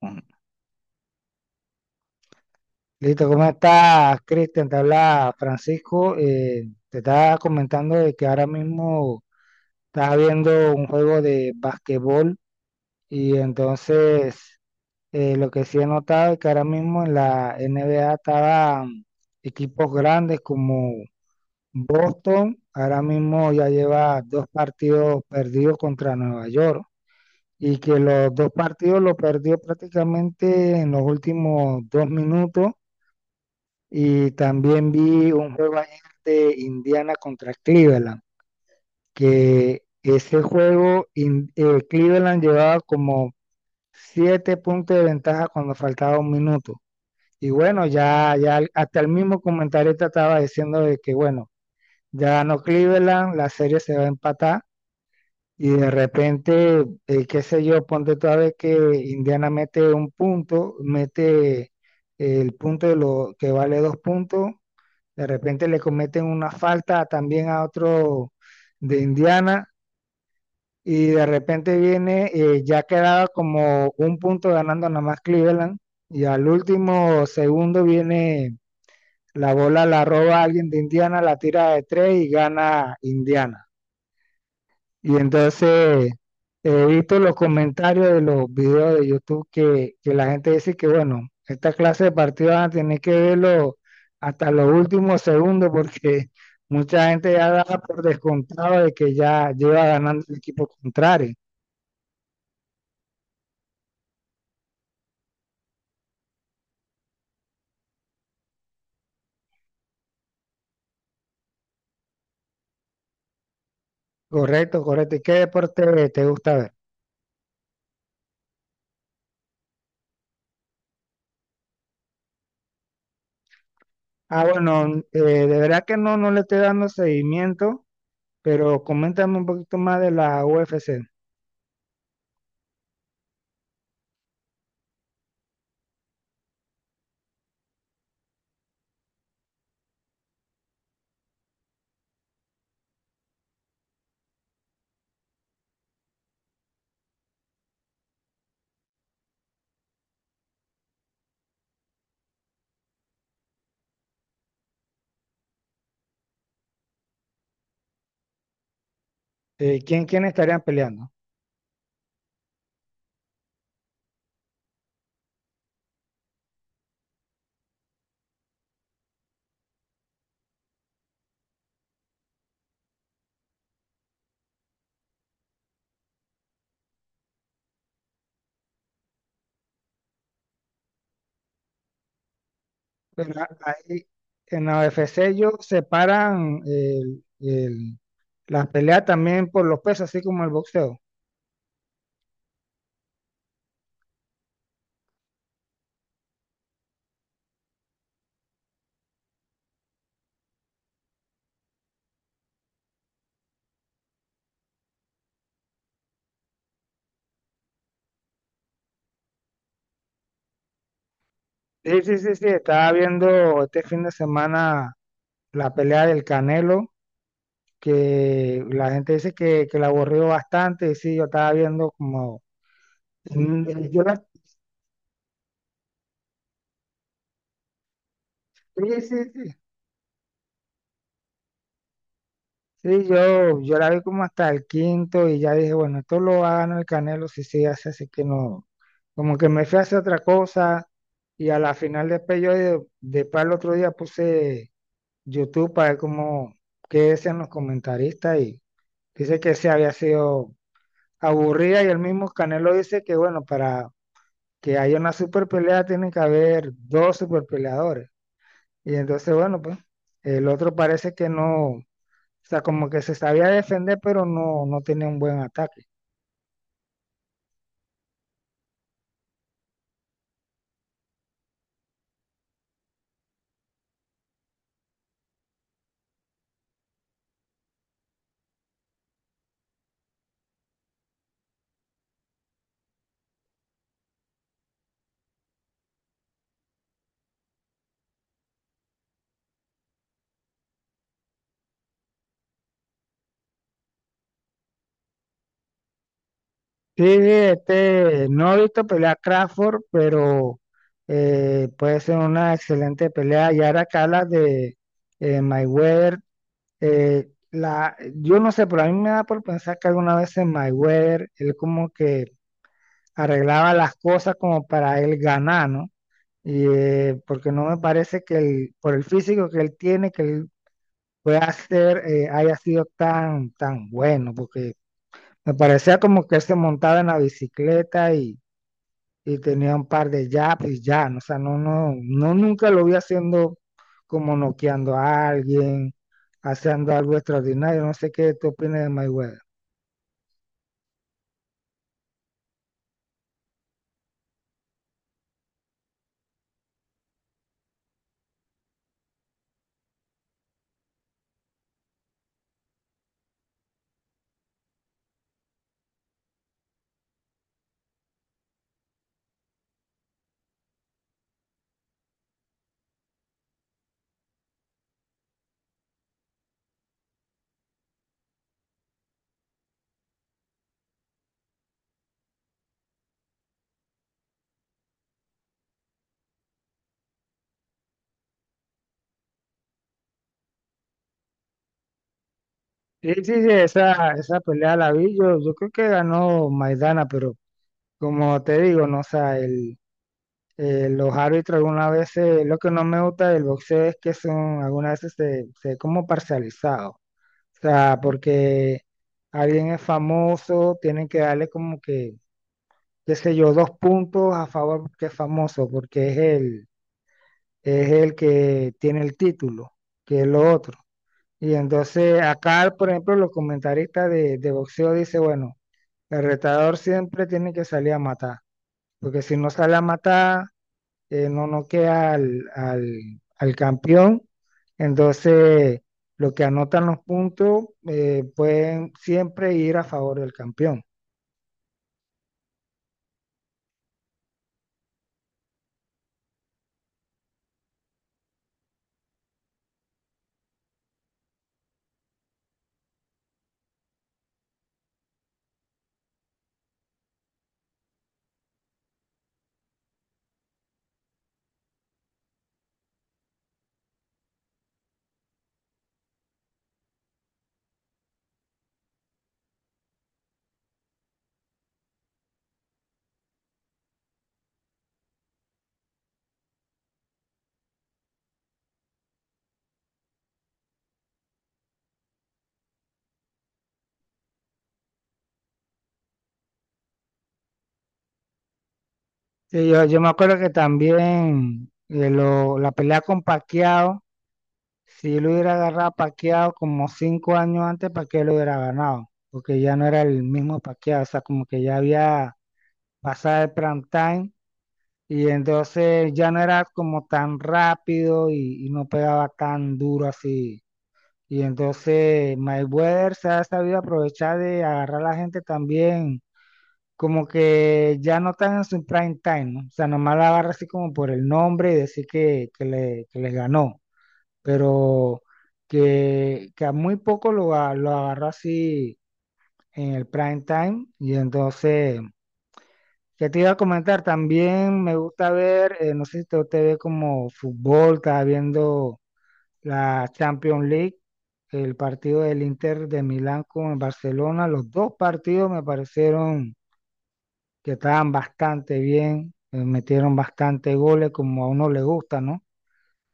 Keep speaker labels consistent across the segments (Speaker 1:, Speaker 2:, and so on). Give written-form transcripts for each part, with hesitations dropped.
Speaker 1: Ujú. Listo, ¿cómo estás, Cristian? Te habla Francisco. Te estaba comentando de que ahora mismo estaba viendo un juego de basquetbol y entonces lo que sí he notado es que ahora mismo en la NBA estaban equipos grandes como Boston. Ahora mismo ya lleva dos partidos perdidos contra Nueva York, y que los dos partidos los perdió prácticamente en los últimos dos minutos. Y también vi un juego ayer de Indiana contra Cleveland, que ese juego Cleveland llevaba como siete puntos de ventaja cuando faltaba un minuto. Y bueno, ya hasta el mismo comentarista estaba diciendo de que bueno, ya ganó Cleveland, la serie se va a empatar. Y de repente, qué sé yo, ponte toda vez que Indiana mete un punto, mete el punto de lo que vale dos puntos, de repente le cometen una falta también a otro de Indiana, y de repente viene, ya quedaba como un punto ganando nada más Cleveland, y al último segundo viene la bola, la roba alguien de Indiana, la tira de tres y gana Indiana. Y entonces he visto los comentarios de los videos de YouTube que la gente dice que, bueno, esta clase de partidos van a tener que verlo hasta los últimos segundos porque mucha gente ya da por descontado de que ya lleva ganando el equipo contrario. Correcto, correcto. ¿Y qué deporte te gusta ver? Ah, bueno, de verdad que no le estoy dando seguimiento, pero coméntame un poquito más de la UFC. ¿Quién estarían peleando? Pero ahí en la UFC ellos separan las peleas también por los pesos, así como el boxeo. Sí, sí, sí, sí, estaba viendo este fin de semana la pelea del Canelo, que la gente dice que la aburrió bastante, y sí, yo estaba viendo como... Mm, yo la, sí, sí, sí, sí, yo la vi como hasta el quinto y ya dije, bueno, esto lo va a ganar el Canelo si sigue así, así que no, como que me fui a hacer otra cosa, y a la final después el otro día puse YouTube para ver cómo, qué decían los comentaristas, y dice que se había sido aburrida y el mismo Canelo dice que bueno, para que haya una super pelea tienen que haber dos super peleadores, y entonces bueno, pues el otro parece que no. O sea, como que se sabía defender, pero no tenía un buen ataque. Sí, sí, este, no he visto pelear a Crawford, pero puede ser una excelente pelea. Y ahora que hablas de Mayweather, yo no sé, pero a mí me da por pensar que alguna vez en Mayweather él como que arreglaba las cosas como para él ganar, ¿no? Y, porque no me parece que él, por el físico que él tiene, que él pueda ser, haya sido tan, tan bueno, porque me parecía como que él se montaba en la bicicleta, y tenía un par de jabs y ya, o sea, no, no, no, nunca lo vi haciendo como noqueando a alguien, haciendo algo extraordinario. No sé qué tú opinas de Mayweather. Sí, sí, sí, esa pelea la vi, yo creo que ganó Maidana, pero como te digo, no, o sea, el, los árbitros algunas veces, lo que no me gusta del boxeo es que son, algunas veces se, se ve como parcializados. O sea, porque alguien es famoso, tienen que darle como que, qué sé yo, dos puntos a favor porque es famoso, porque es es el que tiene el título, que es lo otro. Y entonces acá, por ejemplo, los comentaristas de boxeo dicen, bueno, el retador siempre tiene que salir a matar, porque si no sale a matar, no noquea al campeón. Entonces, lo que anotan los puntos pueden siempre ir a favor del campeón. Sí, yo me acuerdo que también la pelea con Pacquiao, si lo hubiera agarrado a Pacquiao como 5 años antes, Pacquiao lo hubiera ganado, porque ya no era el mismo Pacquiao, o sea, como que ya había pasado el prime time, y entonces ya no era como tan rápido, y no pegaba tan duro así. Y entonces Mayweather se ha sabido aprovechar de agarrar a la gente también, como que ya no están en su prime time, ¿no? O sea, nomás la agarra así como por el nombre y decir que que le ganó, pero que a muy poco lo, lo agarró así en el prime time. Y entonces, ¿qué te iba a comentar? También me gusta ver, no sé si te ve como fútbol, estaba viendo la Champions League, el partido del Inter de Milán con el Barcelona. Los dos partidos me parecieron que estaban bastante bien, metieron bastante goles como a uno le gusta, ¿no?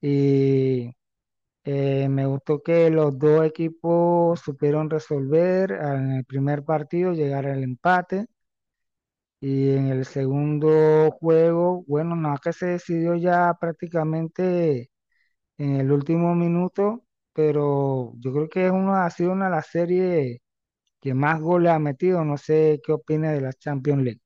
Speaker 1: Y me gustó que los dos equipos supieron resolver en el primer partido, llegar al empate. Y en el segundo juego, bueno, nada, que se decidió ya prácticamente en el último minuto, pero yo creo que es una, ha sido una de las series que más goles ha metido. No sé qué opina de la Champions League.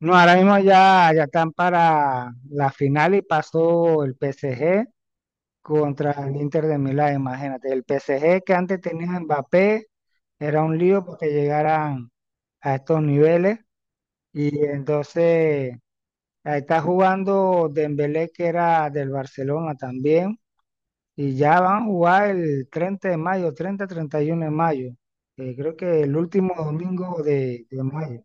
Speaker 1: No, ahora mismo ya están para la final, y pasó el PSG contra el Inter de Milán, imagínate. El PSG que antes tenía a Mbappé, era un lío porque llegaran a estos niveles, y entonces ahí está jugando Dembélé, que era del Barcelona también. Y ya van a jugar el 30 de mayo, 30, 31 de mayo. Creo que el último domingo de mayo.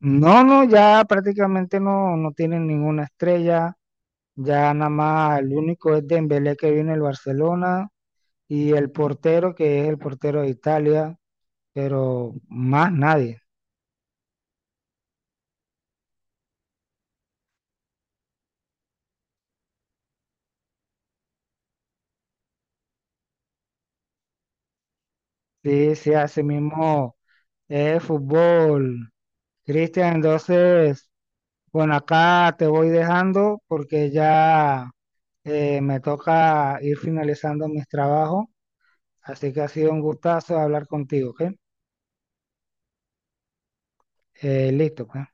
Speaker 1: No, no, ya prácticamente no tienen ninguna estrella. Ya nada más el único es Dembélé, que viene el Barcelona, y el portero, que es el portero de Italia, pero más nadie. Sí, sí, así mismo es fútbol. Cristian, entonces, bueno, acá te voy dejando porque ya me toca ir finalizando mis trabajos, así que ha sido un gustazo hablar contigo, ¿ok? Listo, pues.